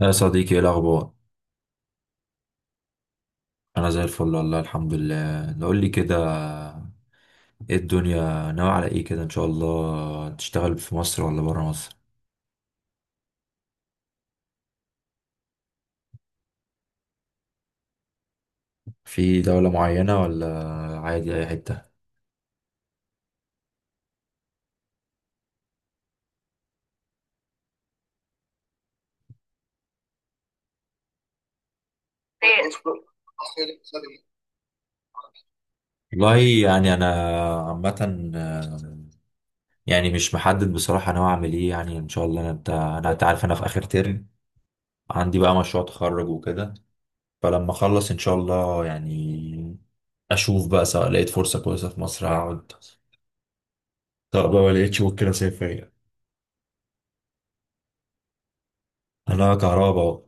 يا صديقي، ايه الاخبار؟ انا زي الفل، والله الحمد لله. نقول لي كده، ايه الدنيا ناوي على ايه كده؟ ان شاء الله تشتغل في مصر ولا برا مصر؟ في دولة معينة ولا عادي اي حتة؟ والله يعني انا عامة، يعني مش محدد بصراحة، ناوي اعمل ايه يعني؟ ان شاء الله، انا بتاع، انت عارف انا في اخر ترم، عندي بقى مشروع تخرج وكده. فلما اخلص ان شاء الله، يعني اشوف بقى، سواء لقيت فرصة كويسة في مصر هقعد، طب لو ما لقيتش ممكن اسافر يعني. انا كهرباء بقى.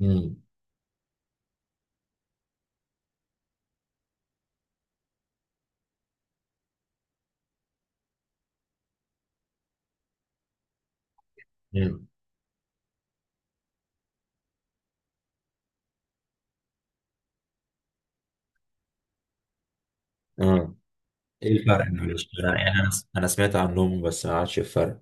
امم. امم. اه، ايه الفرق ما بينهم؟ انا يعني انا، سمعت عنهم بس ما عادش الفرق.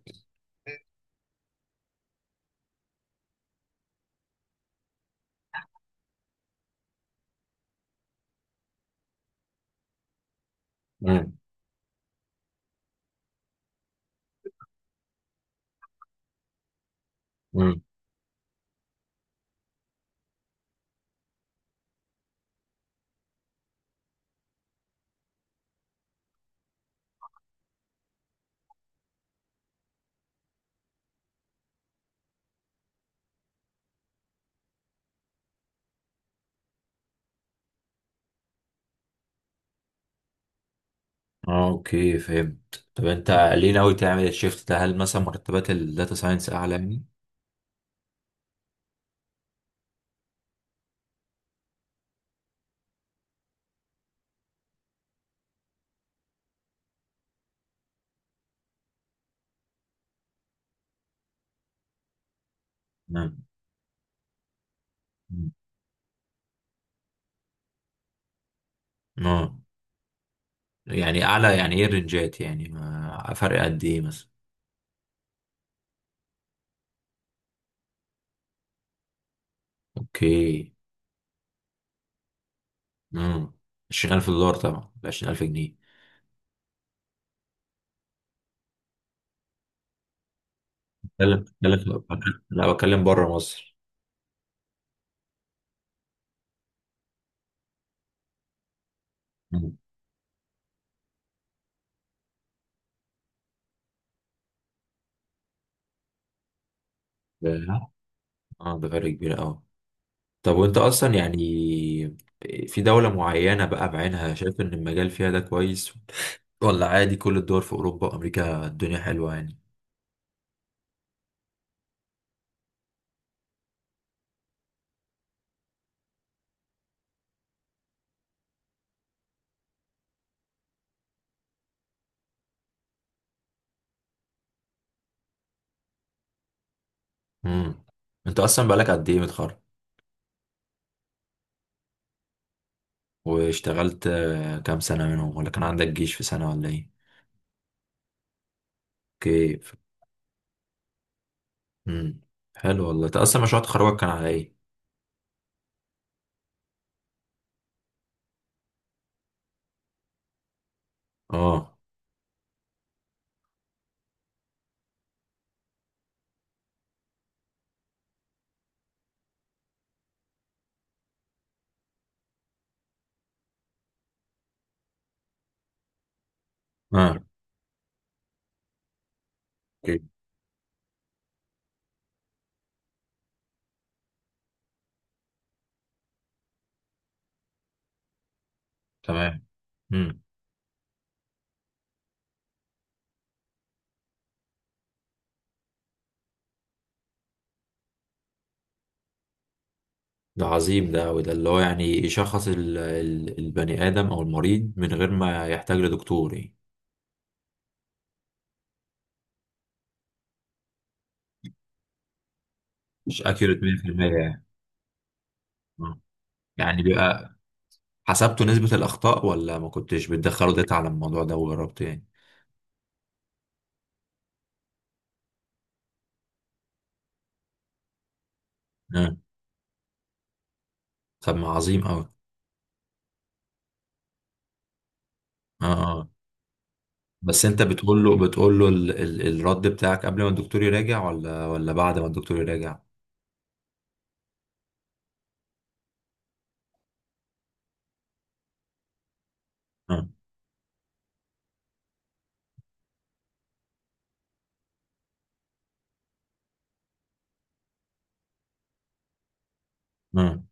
امم. امم. اه، اوكي، فهمت. طب انت ليه ناوي تعمل الشيفت ده؟ هل مثلا مرتبات الداتا ساينس اعلى يعني؟ امم. أمم. اه، يعني اعلى يعني، ايه الرنجات يعني؟ ما فرق قد ايه مثلا؟ اوكي. امم. 20,000 دولار طبعا، 20,000 جنيه؟ بتكلم، بتكلم. لا، بتكلم بره مصر. أمم. اه، ده فرق كبير قوي. طب وانت اصلا يعني، في دولة معينة بقى بعينها شايف ان المجال فيها ده كويس؟ ولا عادي كل الدول في اوروبا وامريكا الدنيا حلوة يعني؟ امم. انت اصلا بقالك قد ايه متخرج؟ واشتغلت كام سنة منهم، ولا كان عندك جيش في سنة، ولا ايه؟ اوكي. امم. حلو والله. انت اصلا مشروع تخرجك كان على ايه؟ اه. اه. اوكي. تمام. امم. ده عظيم، ده وده اللي هو يعني يشخص البني آدم أو المريض من غير ما يحتاج لدكتور يعني. مش اكيوريت 100% يعني. آه. يعني بيبقى، حسبتوا نسبة الأخطاء، ولا ما كنتش بتدخلوا داتا على الموضوع ده وجربت يعني؟ آه. طب ما عظيم أوي. آه. آه. بس أنت بتقول له، ال ال الرد بتاعك قبل ما الدكتور يراجع ولا بعد ما الدكتور يراجع؟ آه. آه.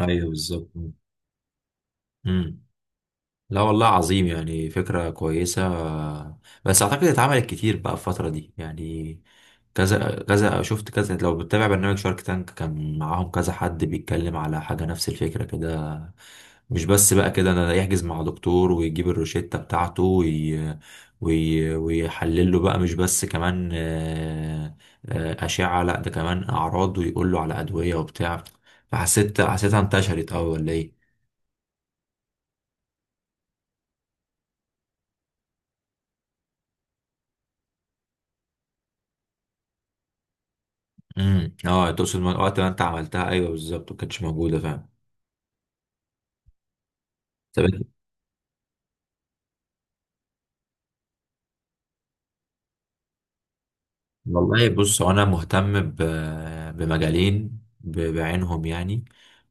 أيوه بالظبط. آه. مم. لا والله عظيم، يعني فكرة كويسة. بس أعتقد اتعملت كتير بقى الفترة دي يعني. كذا كذا شفت كذا، لو بتتابع برنامج شارك تانك كان معاهم كذا حد بيتكلم على حاجة نفس الفكرة كده. مش بس بقى كده، أنا يحجز مع دكتور ويجيب الروشتة بتاعته ويحلل له بقى، مش بس كمان أشعة، لا ده كمان أعراض، ويقول له على أدوية وبتاع. فحسيت، حسيتها انتشرت أوي ولا إيه؟ امم. اه، تقصد من وقت ما انت عملتها. ايوه بالظبط، ما كانتش موجوده فعلا. طب والله بص، هو انا مهتم بمجالين بعينهم يعني.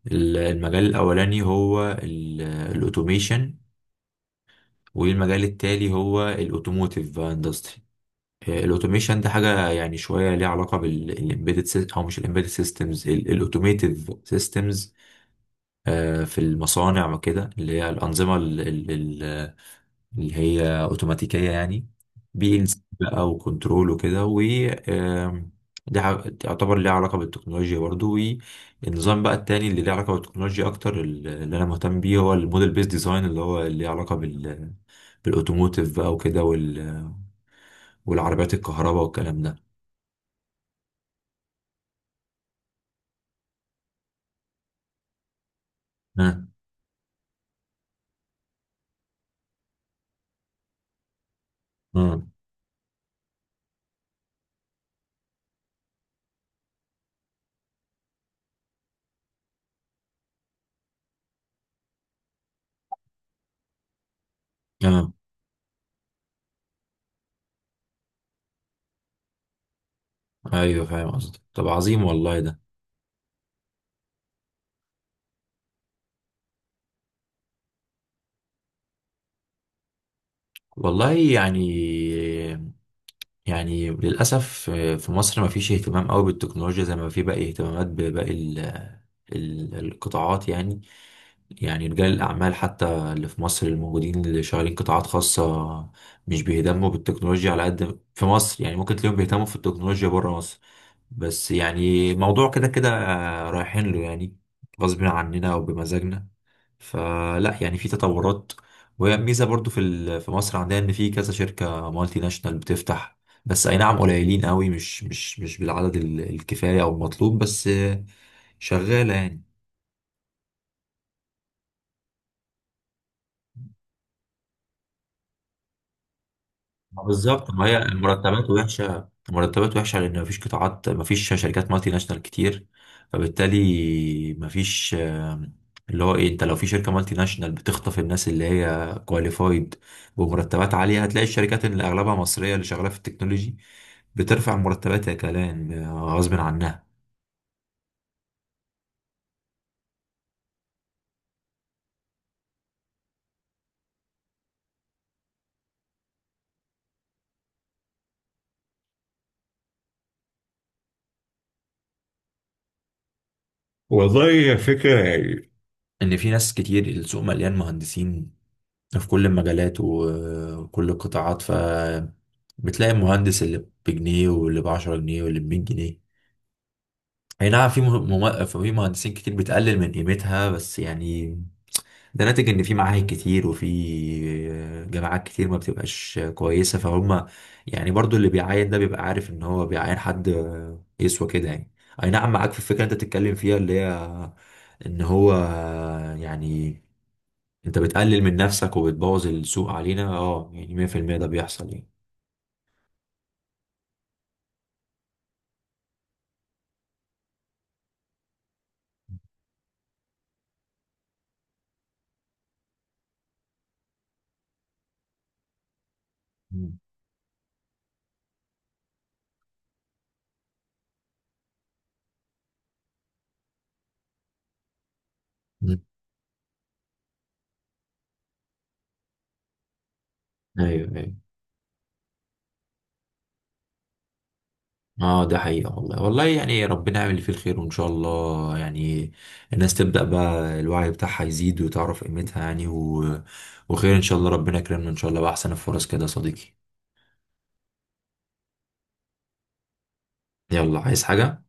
المجال الاولاني هو الاوتوميشن، والمجال التالي هو الاوتوموتيف اندستري. الاوتوميشن ده حاجه يعني شويه ليها علاقه بالامبيدد، او مش الامبيدد سيستمز، الاوتوميتيف سيستمز في المصانع وكده، اللي هي الانظمه اللي هي اوتوماتيكية يعني. بي ال سي بقى، وكنترول وكده، و آم، ده يعتبر ليه علاقة بالتكنولوجيا برضو. والنظام بقى التاني اللي ليه علاقة بالتكنولوجيا أكتر، اللي أنا مهتم بيه، هو الموديل بيس ديزاين، اللي هو اللي ليه علاقة بال، بالأوتوموتيف بقى وكده والعربيات الكهرباء والكلام ده. اه. اه. اه. ايوه فاهم قصدك. طب عظيم والله ده. والله يعني، للأسف في مصر ما فيش اهتمام قوي بالتكنولوجيا زي ما في باقي اهتمامات بباقي القطاعات يعني. يعني رجال الأعمال حتى اللي في مصر الموجودين اللي شغالين قطاعات خاصة، مش بيهتموا بالتكنولوجيا على قد في مصر يعني. ممكن تلاقيهم بيهتموا في التكنولوجيا بره مصر. بس يعني موضوع كده كده رايحين له يعني، غصب عننا وبمزاجنا. فلا يعني في تطورات، وهي ميزه برضو في في مصر عندنا، ان في كذا شركه مالتي ناشونال بتفتح، بس اي نعم قليلين قوي، مش بالعدد الكفايه او المطلوب، بس شغاله يعني. بالظبط، ما هي المرتبات وحشه، المرتبات وحشه لان مفيش قطاعات، مفيش شركات مالتي ناشونال كتير، فبالتالي مفيش. اللي هو ايه، انت لو في شركه مالتي ناشونال بتخطف الناس اللي هي كواليفايد بمرتبات عاليه، هتلاقي الشركات اللي اغلبها مصريه اللي شغاله في التكنولوجي بترفع مرتباتها كمان غصب عنها. والله يا فكرة يعني، ان في ناس كتير، السوق مليان مهندسين في كل المجالات وكل القطاعات، ف بتلاقي المهندس اللي بجنيه، واللي ب10 جنيه، واللي ب100 جنيه. اي نعم في في مهندسين كتير بتقلل من قيمتها بس يعني. ده ناتج ان في معاهد كتير، وفي جامعات كتير ما بتبقاش كويسة، فهم يعني برضو اللي بيعين ده بيبقى عارف ان هو بيعين حد يسوى كده يعني. اي نعم معاك في الفكرة اللي انت بتتكلم فيها، اللي هي ان هو يعني، انت بتقلل من نفسك وبتبوظ السوق علينا. اه يعني 100% ده بيحصل يعني. مم. مم. ايوه، ايوه. اه، ده حقيقة والله. والله يعني ربنا يعمل اللي فيه الخير، وان شاء الله يعني الناس تبدأ بقى الوعي بتاعها يزيد وتعرف قيمتها يعني وخير ان شاء الله. ربنا يكرمنا ان شاء الله بأحسن الفرص كده يا صديقي. يلا، عايز حاجة؟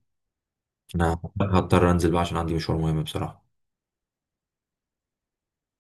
انا هضطر انزل بقى عشان عندي مشوار مهم بصراحة.